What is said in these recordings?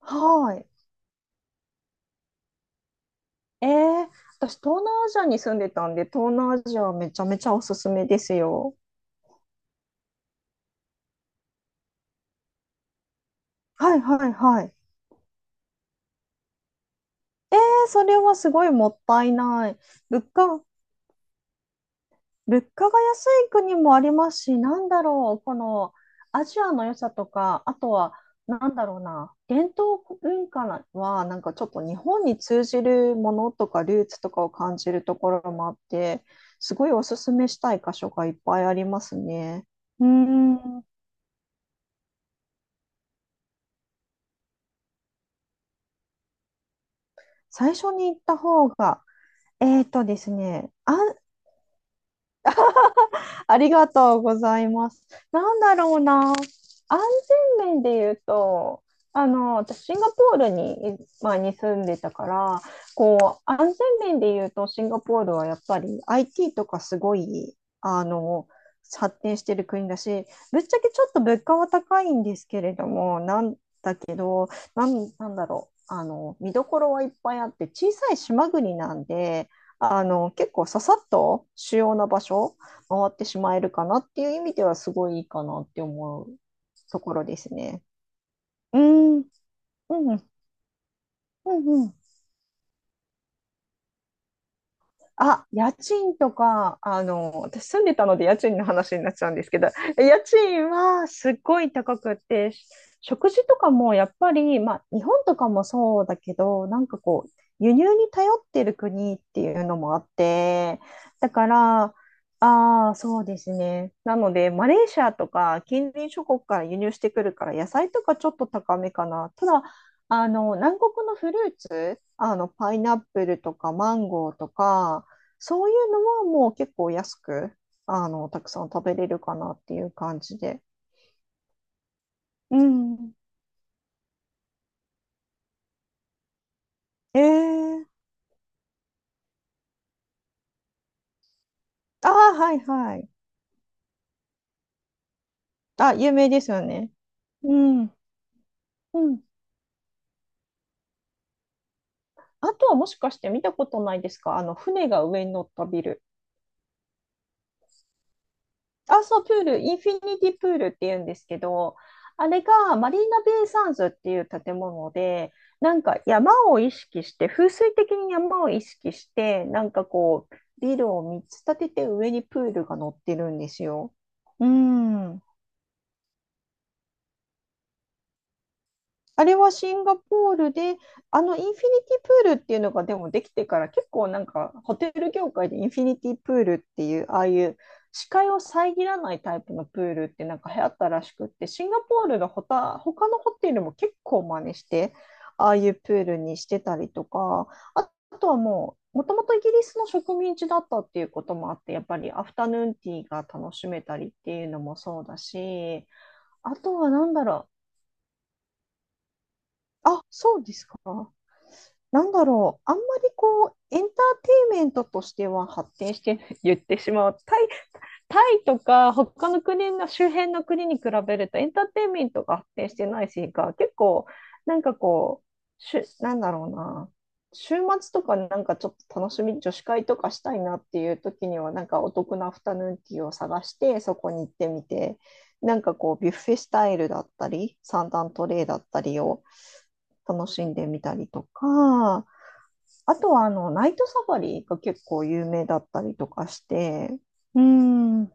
はい。えー、私、東南アジアに住んでたんで、東南アジアはめちゃめちゃおすすめですよ。はいはいはい。えー、それはすごいもったいない。物価、物価が安い国もありますし、このアジアの良さとか、あとは、なんだろうな、伝統文化は、なんかちょっと日本に通じるものとか、ルーツとかを感じるところもあって、すごいおすすめしたい箇所がいっぱいありますね。うーん。最初に行った方が、えーとですね、あ、ありがとうございます。なんだろうな、安全面で言うと、私、シンガポールに、住んでたから、こう、安全面で言うと、シンガポールはやっぱり IT とかすごい、あの、発展してる国だし、ぶっちゃけちょっと物価は高いんですけれども、なんなんだろう、あの、見どころはいっぱいあって、小さい島国なんで、あの、結構ささっと主要な場所回ってしまえるかなっていう意味ではすごいいいかなって思うところですね。うん、うん、うん、うん。あ、家賃とか、あの、私住んでたので家賃の話になっちゃうんですけど、家賃はすっごい高くて、食事とかもやっぱり、まあ、日本とかもそうだけど、なんかこう、輸入に頼ってる国っていうのもあって、だから、ああ、そうですね。なので、マレーシアとか近隣諸国から輸入してくるから、野菜とかちょっと高めかな。ただ、あの、南国のフルーツ、あの、パイナップルとかマンゴーとか、そういうのはもう結構安く、あの、たくさん食べれるかなっていう感じで。うん。えー、ああ、はいはい。あ、有名ですよね。うん。うん。あとはもしかして見たことないですか、あの、船が上に乗ったビル。あ、そう、プール、インフィニティプールって言うんですけど、あれがマリーナベイサンズっていう建物で、なんか山を意識して、風水的に山を意識して、なんかこう、ビルを3つ建てて上にプールが乗ってるんですよ。うん。あれはシンガポールで、あのインフィニティプールっていうのがでもできてから、結構なんかホテル業界でインフィニティプールっていうああいう視界を遮らないタイプのプールってなんか流行ったらしくって、シンガポールの他のホテルも結構真似してああいうプールにしてたりとか、ああとはもうもともとイギリスの植民地だったっていうこともあって、やっぱりアフタヌーンティーが楽しめたりっていうのもそうだし、あとはなんだろう、あ、そうですか。なんだろう、あんまりこう、エンターテインメントとしては発展してない 言ってしまう。タイとか他の国の周辺の国に比べるとエンターテインメントが発展してないしか、結構、なんかこう、なんだろうな、週末とかなんかちょっと楽しみ、女子会とかしたいなっていう時には、なんかお得なアフタヌーンティーを探して、そこに行ってみて、なんかこう、ビュッフェスタイルだったり、三段トレイだったりを楽しんでみたりとか、あとはあの、ナイトサファリが結構有名だったりとかして、うーん、う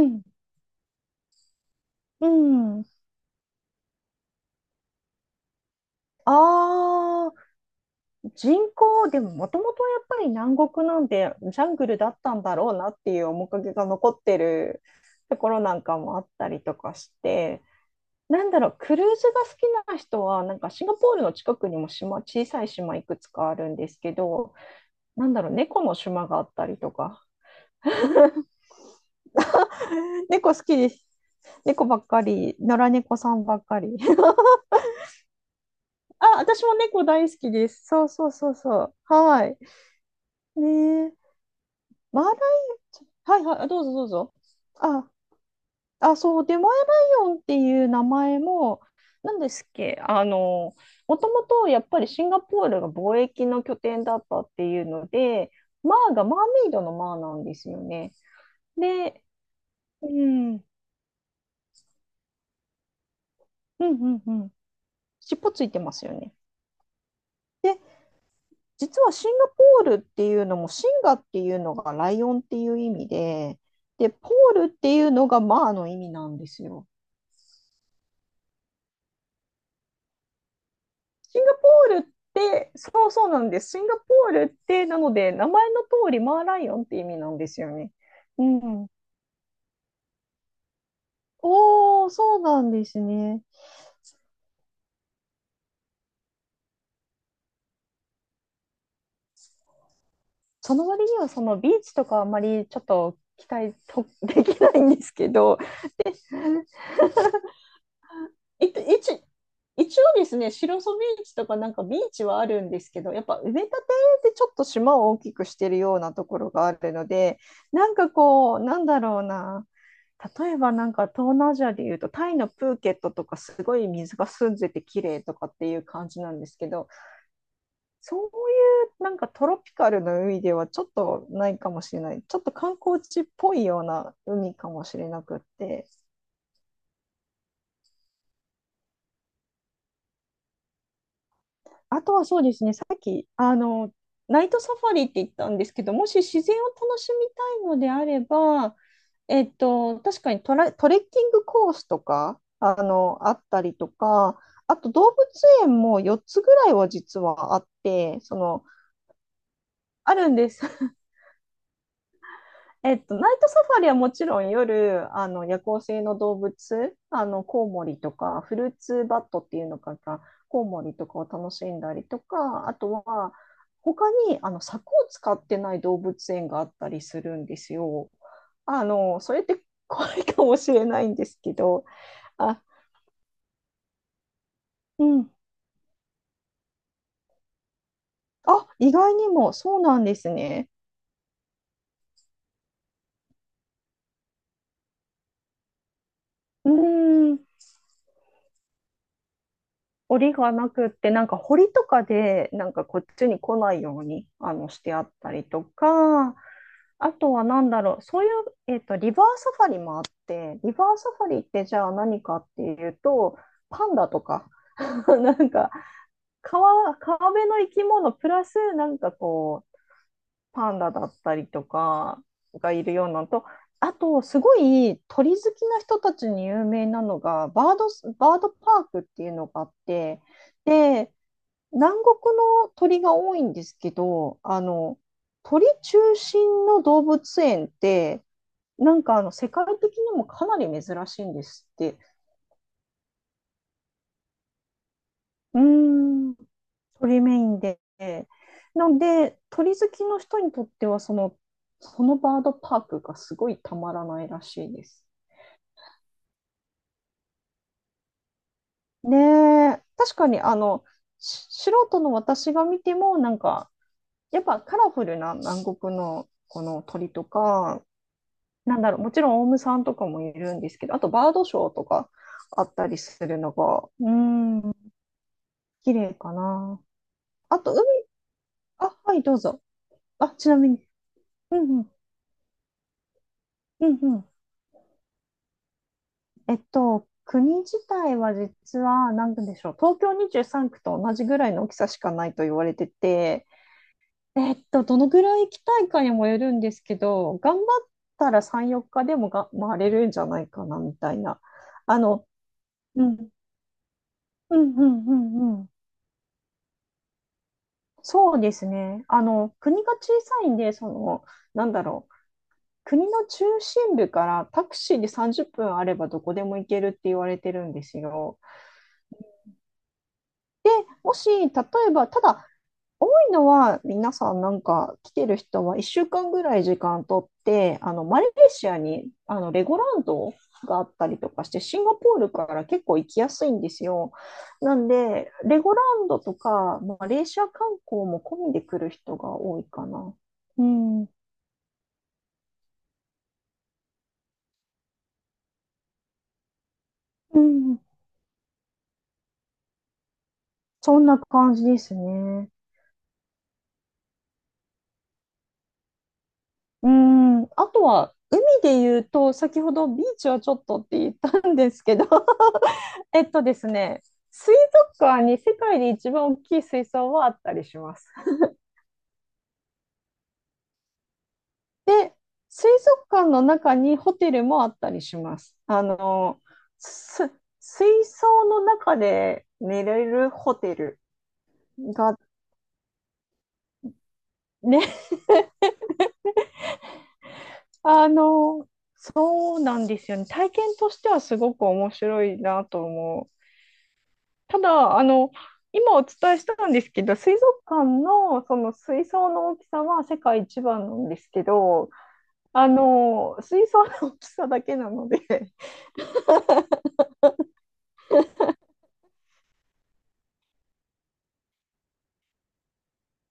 ん、うん。ああ、人口、でももともとやっぱり南国なんでジャングルだったんだろうなっていう面影が残ってるところなんかもあったりとかして、なんだろう、クルーズが好きな人は、なんかシンガポールの近くにも島、小さい島いくつかあるんですけど、なんだろう、猫の島があったりとか、猫好きです、猫ばっかり、野良猫さんばっかり。あ、私も猫大好きです。そうそうそうそう。はい。ねえ。マーライはいはい、あ、どうぞどうぞ。あ、あ、そう、デマエライオンっていう名前も、なんですっけ、あの、もともとやっぱりシンガポールが貿易の拠点だったっていうので、マーがマーメイドのマーなんですよね。で、うん、うん、うん、うん。尻尾ついてますよね。で、実はシンガポールっていうのも、シンガっていうのがライオンっていう意味で、で、ポールっていうのがまあの意味なんですよ。シンガポールって、そうそうなんです。シンガポールって、なので、名前の通りマーライオンって意味なんですよね。うん。おー、そうなんですね。その割にはそのビーチとかあんまりちょっと期待と できないんですけど、えっと、一応ですね、白磯ビーチとかなんかビーチはあるんですけど、やっぱ埋め立てでちょっと島を大きくしてるようなところがあるので、なんかこう、なんだろうな、例えばなんか東南アジアでいうと、タイのプーケットとかすごい水が澄んでて綺麗とかっていう感じなんですけど、そういうなんかトロピカルの海ではちょっとないかもしれない、ちょっと観光地っぽいような海かもしれなくって。あとはそうですね、さっき、あの、ナイトサファリって言ったんですけど、もし自然を楽しみたいのであれば、えっと、確かにトレッキングコースとか、あの、あったりとか、あと動物園も4つぐらいは実はあって、その、あるんです。えっと、ナイトサファリはもちろん夜、あの夜行性の動物、あのコウモリとか、フルーツバットっていうのかな、コウモリとかを楽しんだりとか、あとは、他にあの柵を使ってない動物園があったりするんですよ。あの、それって怖いかもしれないんですけど、あ、うん。あ、意外にもそうなんですね。うーん。檻がなくって、なんか堀とかで、なんかこっちに来ないように、あの、してあったりとか、あとはなんだろう、そういう、えっと、リバーサファリもあって、リバーサファリってじゃあ何かっていうと、パンダとか、なんか川辺の生き物プラス、なんかこう、パンダだったりとかがいるようなのと、あと、すごい鳥好きな人たちに有名なのが、バードパークっていうのがあって、で、南国の鳥が多いんですけど、あの、鳥中心の動物園って、なんかあの、世界的にもかなり珍しいんですって。うーん、鳥メインで。なので、鳥好きの人にとっては、その、そのバードパークがすごいたまらないらしいです。ねえ、確かにあの、素人の私が見ても、なんか、やっぱカラフルな南国のこの鳥とか、なんだろう、もちろんオウムさんとかもいるんですけど、あとバードショーとかあったりするのが、うーん、綺麗かな。あと海、あ、はい、どうぞ。あ、ちなみに。うんうん、うんうん。国自体は実は、なんでしょう、東京23区と同じぐらいの大きさしかないと言われてて、どのぐらい行きたいかにもよるんですけど、頑張ったら3、4日でもが回れるんじゃないかな、みたいな。あの、うん、うん、うん、うん、そうですね。あの、国が小さいんで、その、なんだろう、国の中心部からタクシーで30分あればどこでも行けるって言われてるんですよ。もし、例えば、ただ、多いのは、皆さんなんか来てる人は1週間ぐらい時間とって、あの、マレーシアに、あの、レゴランドがあったりとかして、シンガポールから結構行きやすいんですよ。なんで、レゴランドとか、マレーシア観光も込みで来る人が多いかな。うん。うん、そんな感じですね。うん、あとは海で言うと、先ほどビーチはちょっとって言ったんですけど、えっとですね、水族館に世界で一番大きい水槽はあったりします。で、水族館の中にホテルもあったりします。あの、す水槽の中で寝れるホテルがね、あの、そうなんですよね。体験としてはすごく面白いなと思う。ただ、あの、今お伝えしたんですけど、水族館のその水槽の大きさは世界一番なんですけど、あの、水槽の大きさだけなので、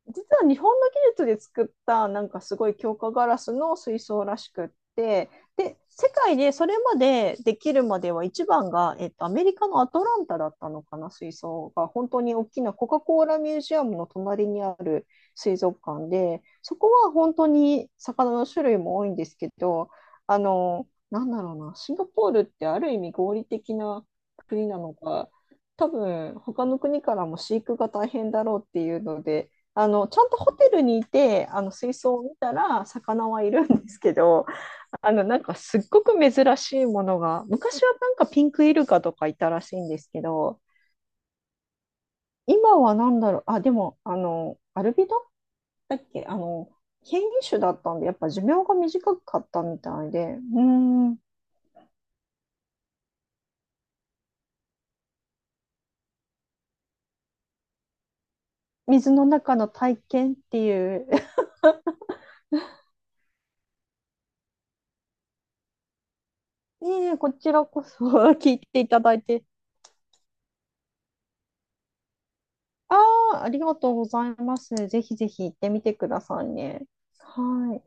実は日本の技術で作ったなんかすごい強化ガラスの水槽らしくって、で、世界でそれまでできるまでは一番が、アメリカのアトランタだったのかな、水槽が本当に大きなコカ・コーラミュージアムの隣にある水族館で、そこは本当に魚の種類も多いんですけど、あの、なんだろうな、シンガポールってある意味合理的な国なのか、多分他の国からも飼育が大変だろうっていうので。あの、ちゃんとホテルにいてあの水槽を見たら魚はいるんですけど、あのなんかすっごく珍しいものが、昔はなんかピンクイルカとかいたらしいんですけど、今はなんだろう、あ、でも、あのアルビドだっけ、あの、変異種だったんで、やっぱ寿命が短かったみたいで、うーん、水の中の体験っていう ねえ、こちらこそ聞いていただいて、ああ、ありがとうございます、ぜひぜひ行ってみてくださいね。はい。